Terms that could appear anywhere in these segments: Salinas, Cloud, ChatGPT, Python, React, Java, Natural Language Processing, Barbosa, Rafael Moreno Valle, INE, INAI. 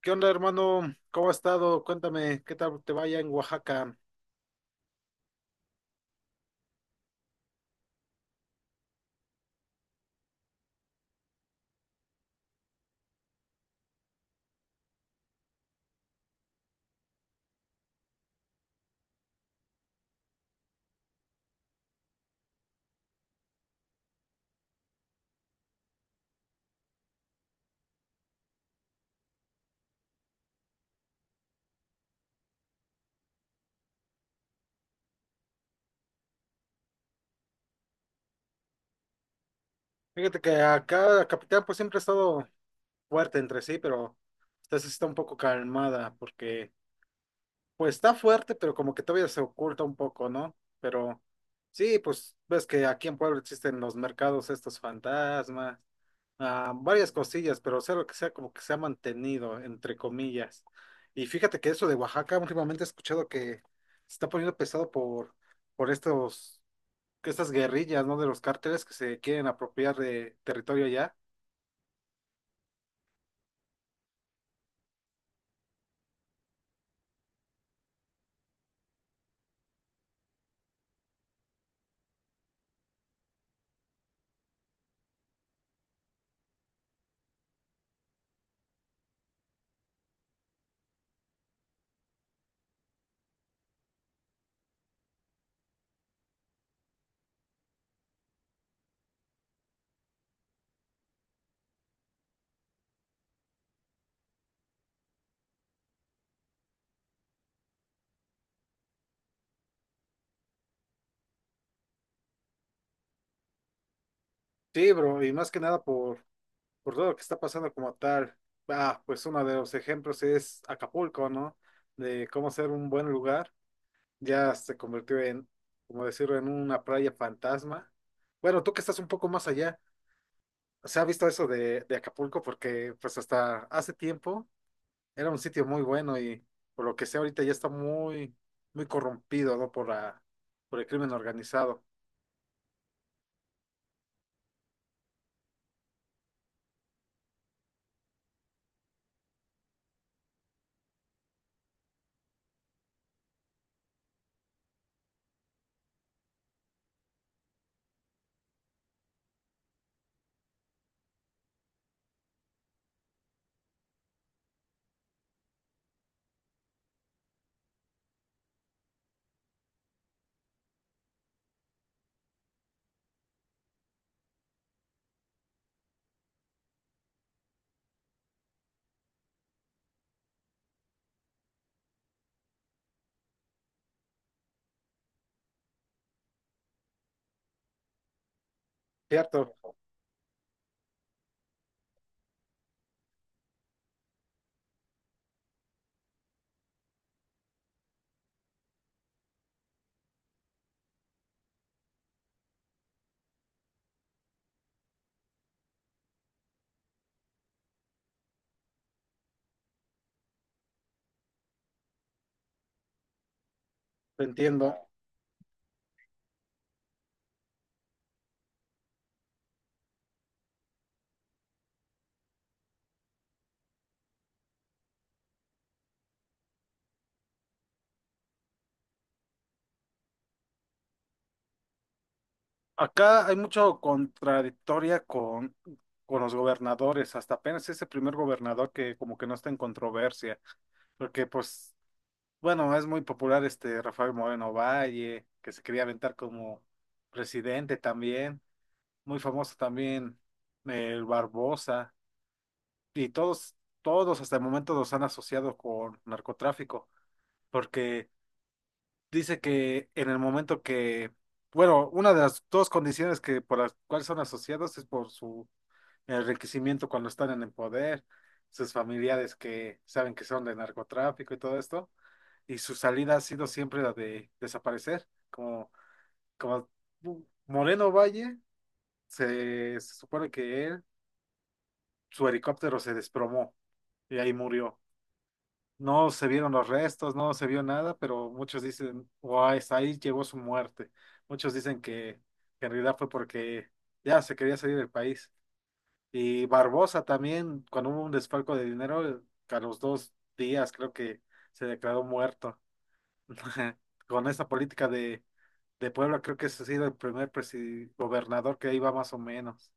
¿Qué onda, hermano? ¿Cómo ha estado? Cuéntame, ¿qué tal te vaya en Oaxaca? Fíjate que acá la capital pues siempre ha estado fuerte entre sí, pero esta sí está un poco calmada porque pues está fuerte, pero como que todavía se oculta un poco, ¿no? Pero sí, pues ves que aquí en Puebla existen los mercados estos fantasmas, varias cosillas, pero sea lo que sea, como que se ha mantenido, entre comillas. Y fíjate que eso de Oaxaca últimamente he escuchado que se está poniendo pesado por estos que estas guerrillas, ¿no? De los cárteles que se quieren apropiar de territorio allá. Sí, bro, y más que nada por todo lo que está pasando como tal. Ah, pues uno de los ejemplos es Acapulco, ¿no? De cómo ser un buen lugar. Ya se convirtió, como decirlo, en una playa fantasma. Bueno, tú que estás un poco más allá, ¿se ha visto eso de Acapulco? Porque pues hasta hace tiempo era un sitio muy bueno y por lo que sé ahorita ya está muy corrompido, ¿no? Por por el crimen organizado. Cierto, te entiendo. Acá hay mucho contradictoria con los gobernadores. Hasta apenas es el primer gobernador que como que no está en controversia. Porque pues, bueno, es muy popular este Rafael Moreno Valle, que se quería aventar como presidente también. Muy famoso también el Barbosa. Y todos hasta el momento los han asociado con narcotráfico. Porque dice que en el momento que, bueno, una de las dos condiciones que por las cuales son asociados es por su enriquecimiento cuando están en el poder, sus familiares que saben que son de narcotráfico y todo esto, y su salida ha sido siempre la de desaparecer, como, como Moreno Valle, se supone que él, su helicóptero se desplomó y ahí murió. No se vieron los restos, no se vio nada, pero muchos dicen, guau guay, ahí llegó su muerte. Muchos dicen que en realidad fue porque ya se quería salir del país. Y Barbosa también, cuando hubo un desfalco de dinero, a los dos días creo que se declaró muerto. Con esa política de Puebla, creo que ese ha sido el primer gobernador que iba más o menos.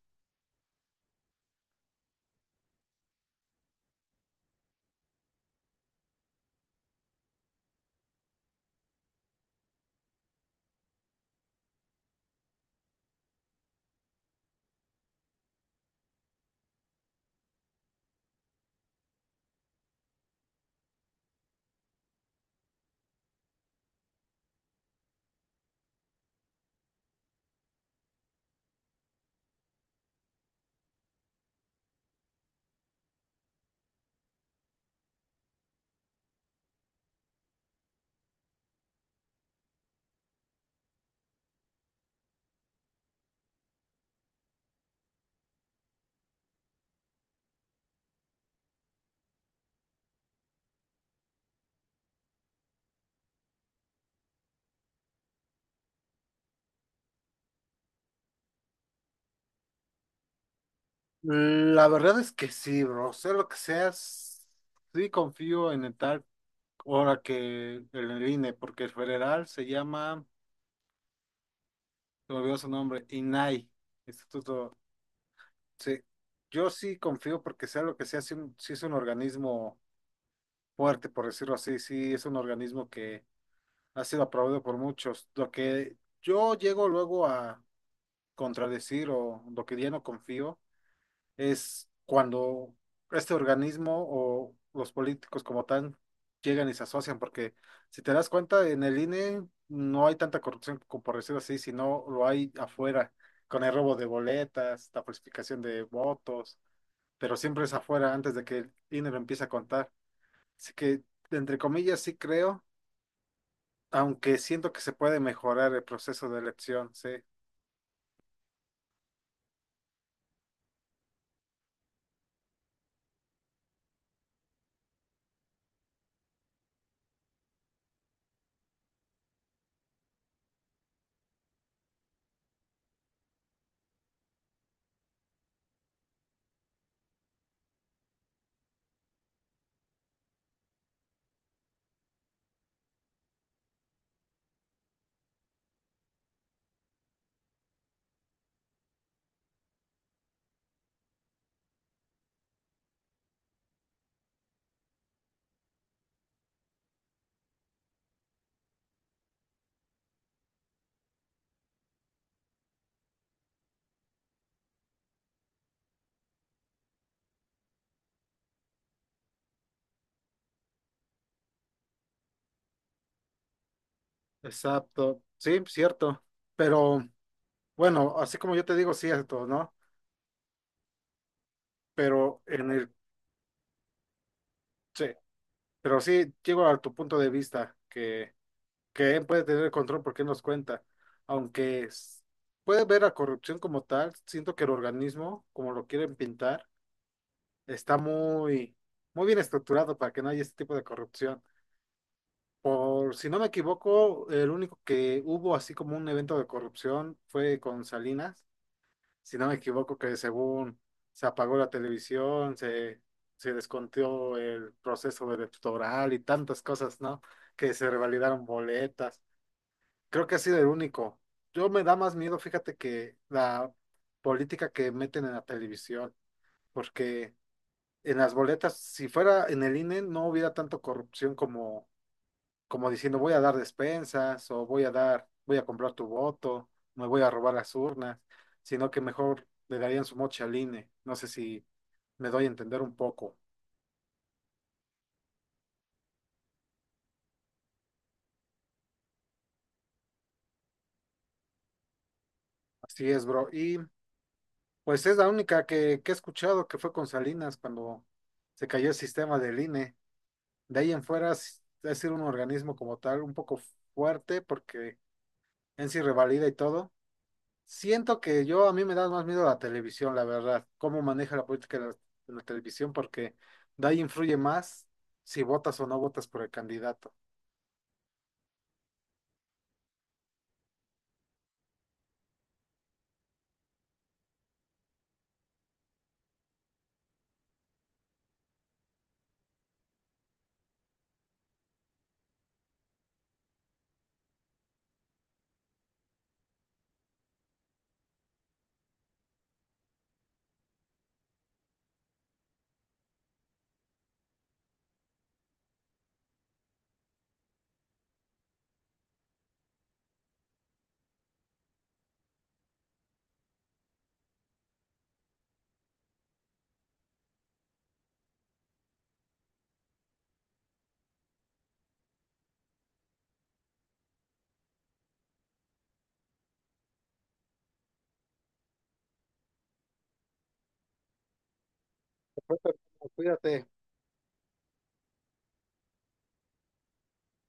La verdad es que sí, bro, sea lo que seas, sí confío en el tal. Ahora que el INE, porque el federal se llama, se me olvidó su nombre, INAI, Instituto. Sí, yo sí confío porque sea lo que sea, sí es un organismo fuerte, por decirlo así, sí es un organismo que ha sido aprobado por muchos. Lo que yo llego luego a contradecir o lo que ya no confío es cuando este organismo o los políticos como tal llegan y se asocian, porque si te das cuenta, en el INE no hay tanta corrupción, como por decirlo así, sino lo hay afuera, con el robo de boletas, la falsificación de votos, pero siempre es afuera antes de que el INE lo empiece a contar. Así que, entre comillas, sí creo, aunque siento que se puede mejorar el proceso de elección, sí. Exacto, sí, cierto, pero bueno, así como yo te digo, cierto, ¿no? Pero en el, sí, pero sí llego a tu punto de vista que él puede tener el control porque él nos cuenta, aunque puede ver la corrupción como tal, siento que el organismo, como lo quieren pintar, está muy bien estructurado para que no haya este tipo de corrupción. Por si no me equivoco, el único que hubo así como un evento de corrupción fue con Salinas, si no me equivoco, que según se apagó la televisión, se descontó el proceso electoral y tantas cosas, ¿no? Que se revalidaron boletas. Creo que ha sido el único. Yo me da más miedo, fíjate, que la política que meten en la televisión, porque en las boletas, si fuera en el INE, no hubiera tanto corrupción como como diciendo, voy a dar despensas o voy a dar, voy a comprar tu voto, me voy a robar las urnas, sino que mejor le darían su moche al INE. No sé si me doy a entender un poco. Así es, bro. Y pues es la única que he escuchado que fue con Salinas cuando se cayó el sistema del INE. De ahí en fuera es decir un organismo como tal un poco fuerte porque en sí revalida y todo. Siento que yo a mí me da más miedo la televisión, la verdad, cómo maneja la política la televisión, porque de ahí influye más si votas o no votas por el candidato. Perfecto, cuídate.